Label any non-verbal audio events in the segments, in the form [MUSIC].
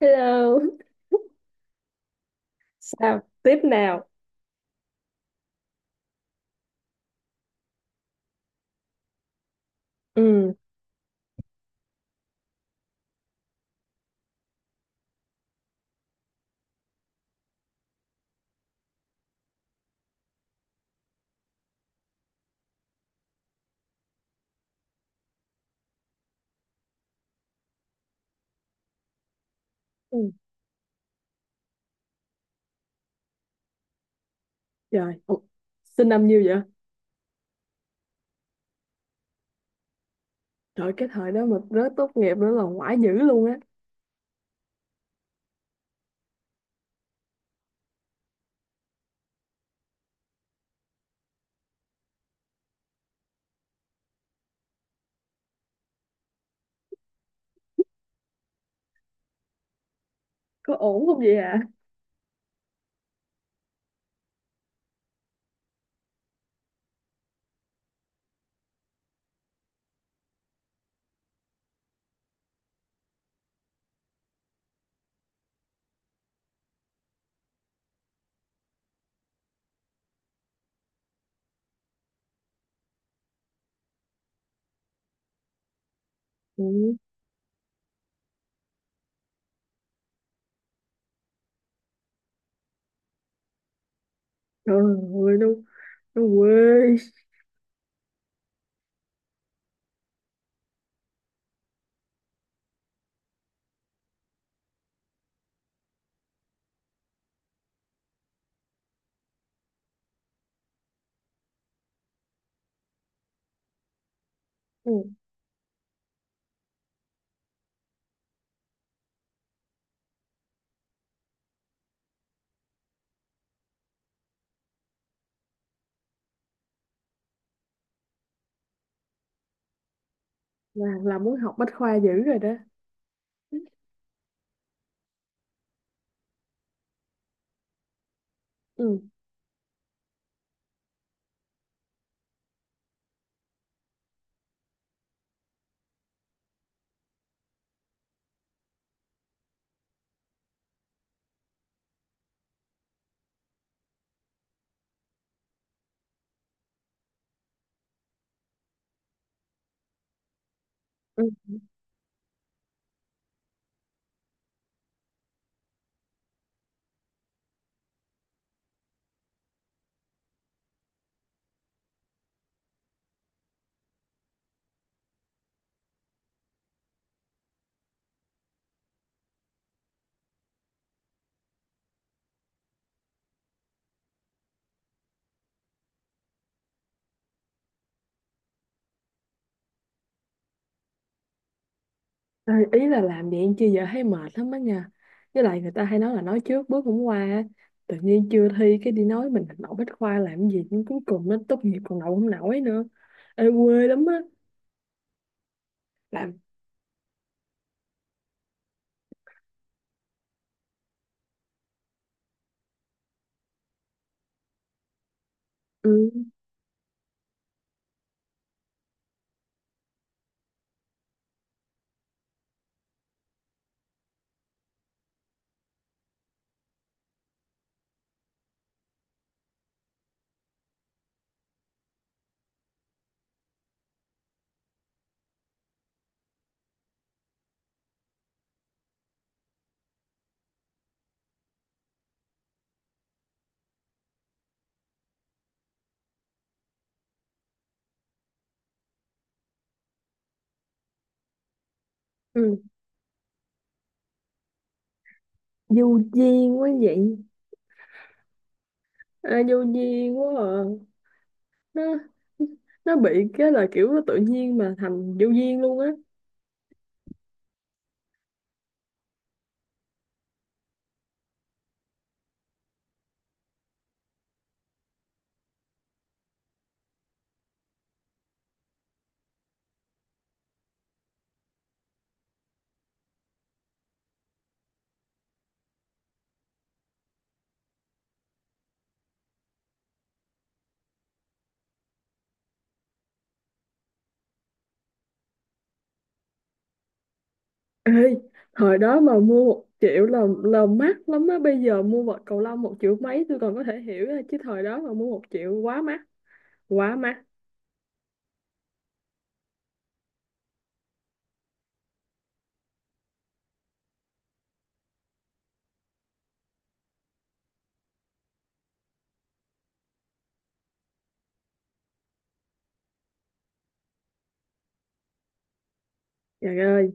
Hello. Sao? Tiếp nào. Ừ. Ừ. Trời! Ủa, sinh năm nhiêu vậy? Trời, cái thời đó mà rớt tốt nghiệp nữa là ngoại dữ luôn á. Có ổn không vậy ạ? Ừ. Trời ơi, nó quê. Ừ. Là muốn học bách khoa dữ rồi đó. Ừ. Ừ. À, ý là làm vậy chứ giờ thấy mệt lắm á nha. Với lại người ta hay nói là nói trước bước cũng qua á. Tự nhiên chưa thi cái đi nói mình đậu bách khoa làm gì cũng cuối cùng nó tốt nghiệp còn đậu không nổi nữa. Ê, quê lắm á. Làm. Ừ. Ừ. Vô duyên quá vậy. À, vô duyên quá à. nó nó bị cái là kiểu nó tự nhiên mà thành vô duyên luôn á. Ê, thời đó mà mua một triệu là mắc lắm á, bây giờ mua vật cầu lông một triệu mấy tôi còn có thể hiểu á. Chứ thời đó mà mua một triệu quá mắc, quá mắc. Trời ơi,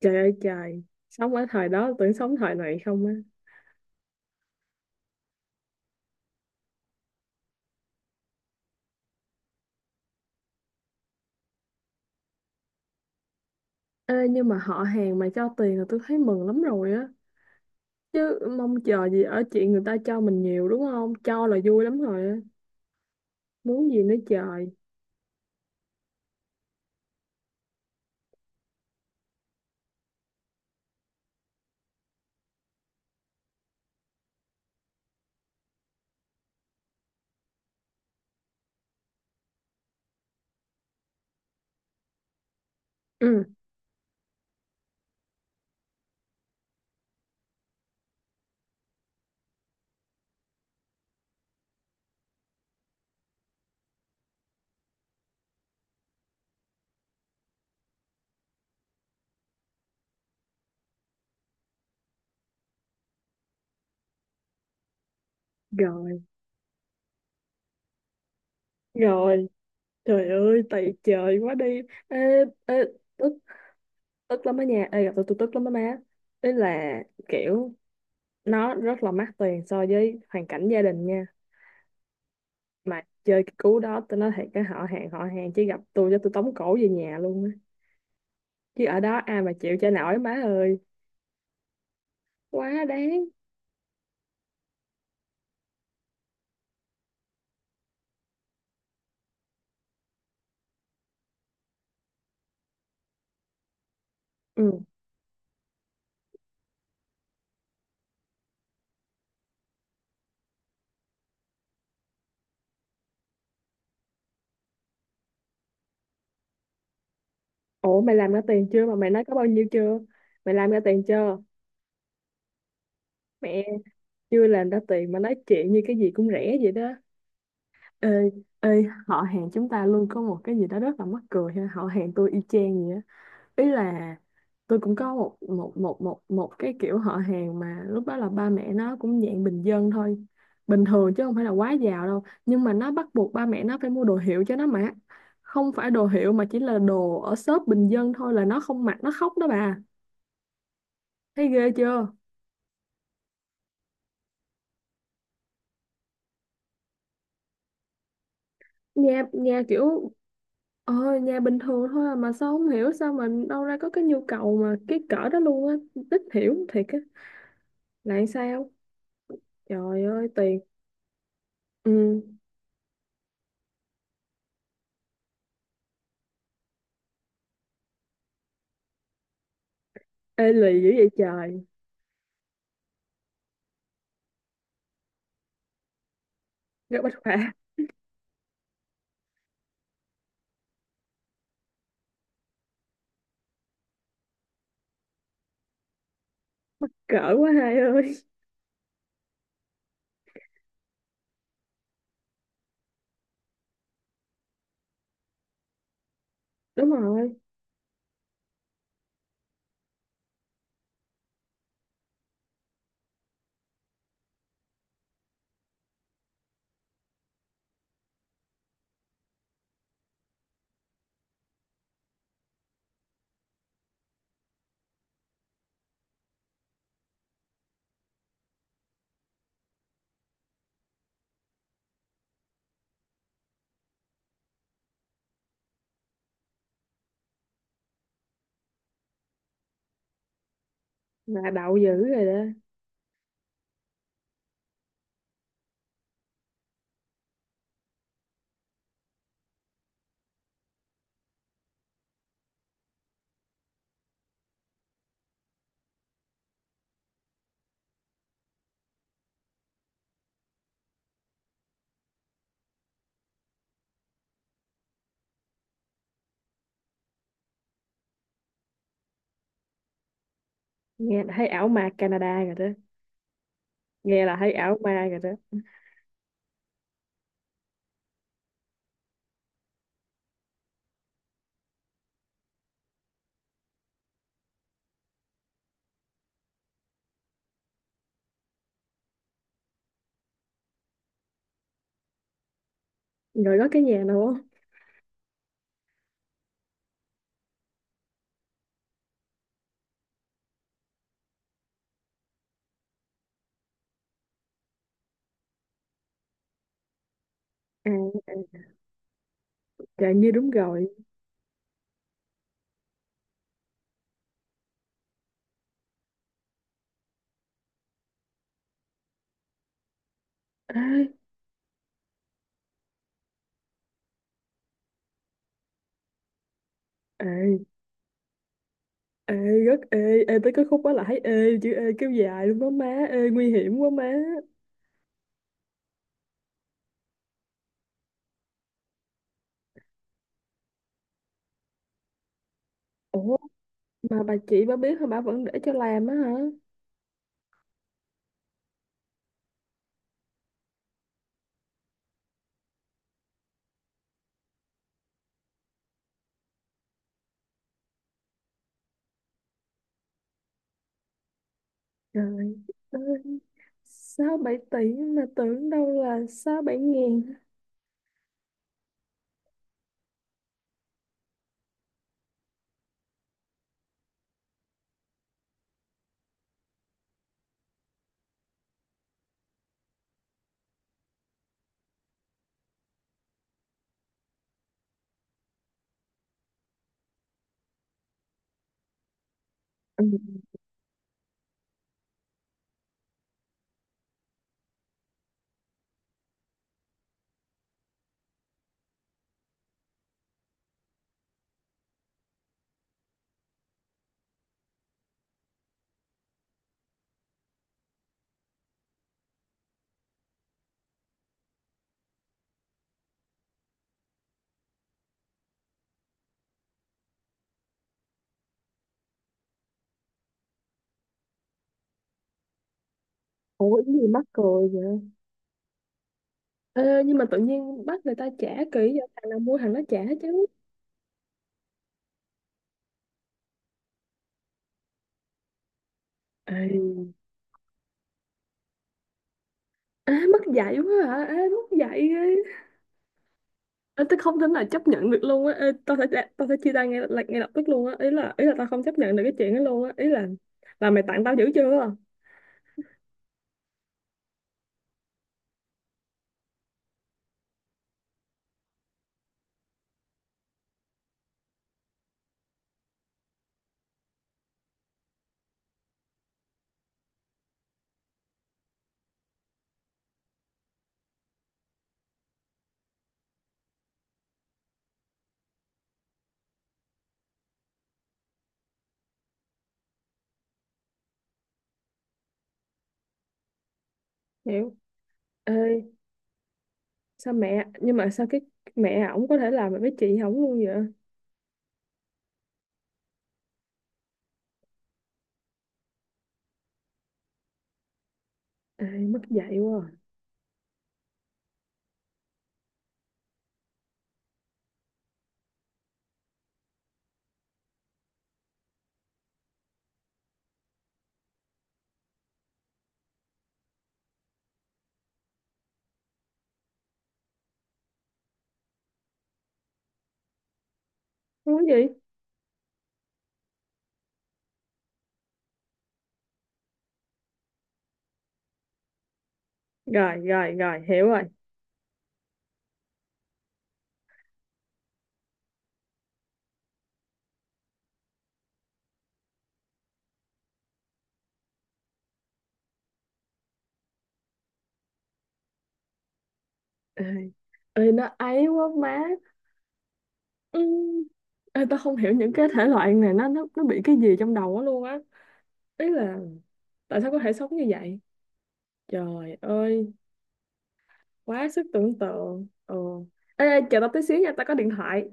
trời ơi trời. Sống ở thời đó tưởng sống thời này không á. Ê nhưng mà họ hàng mà cho tiền là tôi thấy mừng lắm rồi, chứ mong chờ gì ở chuyện người ta cho mình nhiều, đúng không? Cho là vui lắm rồi á. Muốn gì nữa trời. Ừ. Rồi, rồi. Trời ơi, tày trời quá đi. Ê, ê, tức, tức lắm á nha. Ê gặp tôi tức lắm á má. Ý là kiểu, nó rất là mắc tiền so với hoàn cảnh gia đình nha. Mà chơi cái cú đó tôi nói thiệt cái họ hàng, họ hàng chỉ gặp tôi cho tôi tống cổ về nhà luôn á. Chứ ở đó ai mà chịu chơi nổi má ơi. Quá đáng. Ừ. Ủa mày làm ra tiền chưa mà mày nói có bao nhiêu chưa? Mày làm ra tiền chưa? Mẹ, chưa làm ra tiền mà nói chuyện như cái gì cũng rẻ vậy đó. Ê, ê, họ hàng chúng ta luôn có một cái gì đó rất là mắc cười ha. Họ hàng tôi y chang vậy á. Ý là tôi cũng có một một một một một cái kiểu họ hàng mà lúc đó là ba mẹ nó cũng dạng bình dân thôi. Bình thường chứ không phải là quá giàu đâu. Nhưng mà nó bắt buộc ba mẹ nó phải mua đồ hiệu cho nó mặc. Không phải đồ hiệu mà chỉ là đồ ở shop bình dân thôi là nó không mặc, nó khóc đó bà. Thấy ghê chưa? Nha nha kiểu, ờ nhà bình thường thôi à, mà sao không hiểu sao mà đâu ra có cái nhu cầu mà cái cỡ đó luôn á. Ít hiểu thiệt á. Lại sao. Trời ơi tiền. Ừ. Ê lì dữ vậy trời. Gấp bách khoa. [LAUGHS] Cỡ quá hai ơi. Đúng rồi. Là đậu dữ rồi đó. Nghe là thấy ảo ma Canada rồi đó. Nghe là thấy ảo ma rồi đó. Rồi có cái nhà nào không? À. À, trời như đúng rồi. Ê, ê, ê, rất ê ê tới cái khúc đó là thấy ê chữ ê kéo dài luôn đó má. Ê nguy hiểm quá má. Ủa mà bà chị bà biết hả, bà vẫn để cho làm á hả? Trời ơi, sáu bảy tỷ mà tưởng đâu là sáu bảy ngàn. Ừ. Ủa cái gì mắc cười vậy? Ê nhưng mà tự nhiên bắt người ta trả kỹ vậy, thằng nào mua thằng nó trả chứ. Ê, à, mất dạy quá hả, ê mất dạy ghê. Ê, tôi không thể nào chấp nhận được luôn á. Ê, tao sẽ chia tay ngay lập tức luôn á, ý là tao không chấp nhận được cái chuyện đó luôn á, ý là mày tặng tao dữ chưa. Hiểu. Ê sao mẹ nhưng mà sao cái, mẹ ổng có thể làm được với chị ổng luôn vậy? Ê mất dạy quá à. Muốn gì. Rồi rồi rồi, hiểu rồi. Ê, ê, nó ấy quá má. Ừ. Ê tao không hiểu những cái thể loại này, nó nó bị cái gì trong đầu á luôn á. Ý là tại sao có thể sống như vậy. Trời ơi, quá sức tưởng tượng. Ừ. Ê, ê, chờ tao tí xíu nha, tao có điện thoại.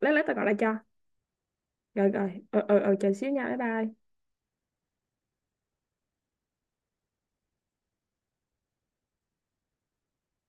Lát, lát tao gọi lại cho. Rồi rồi, ờ ờ ờ, chờ xíu nha, bye bye.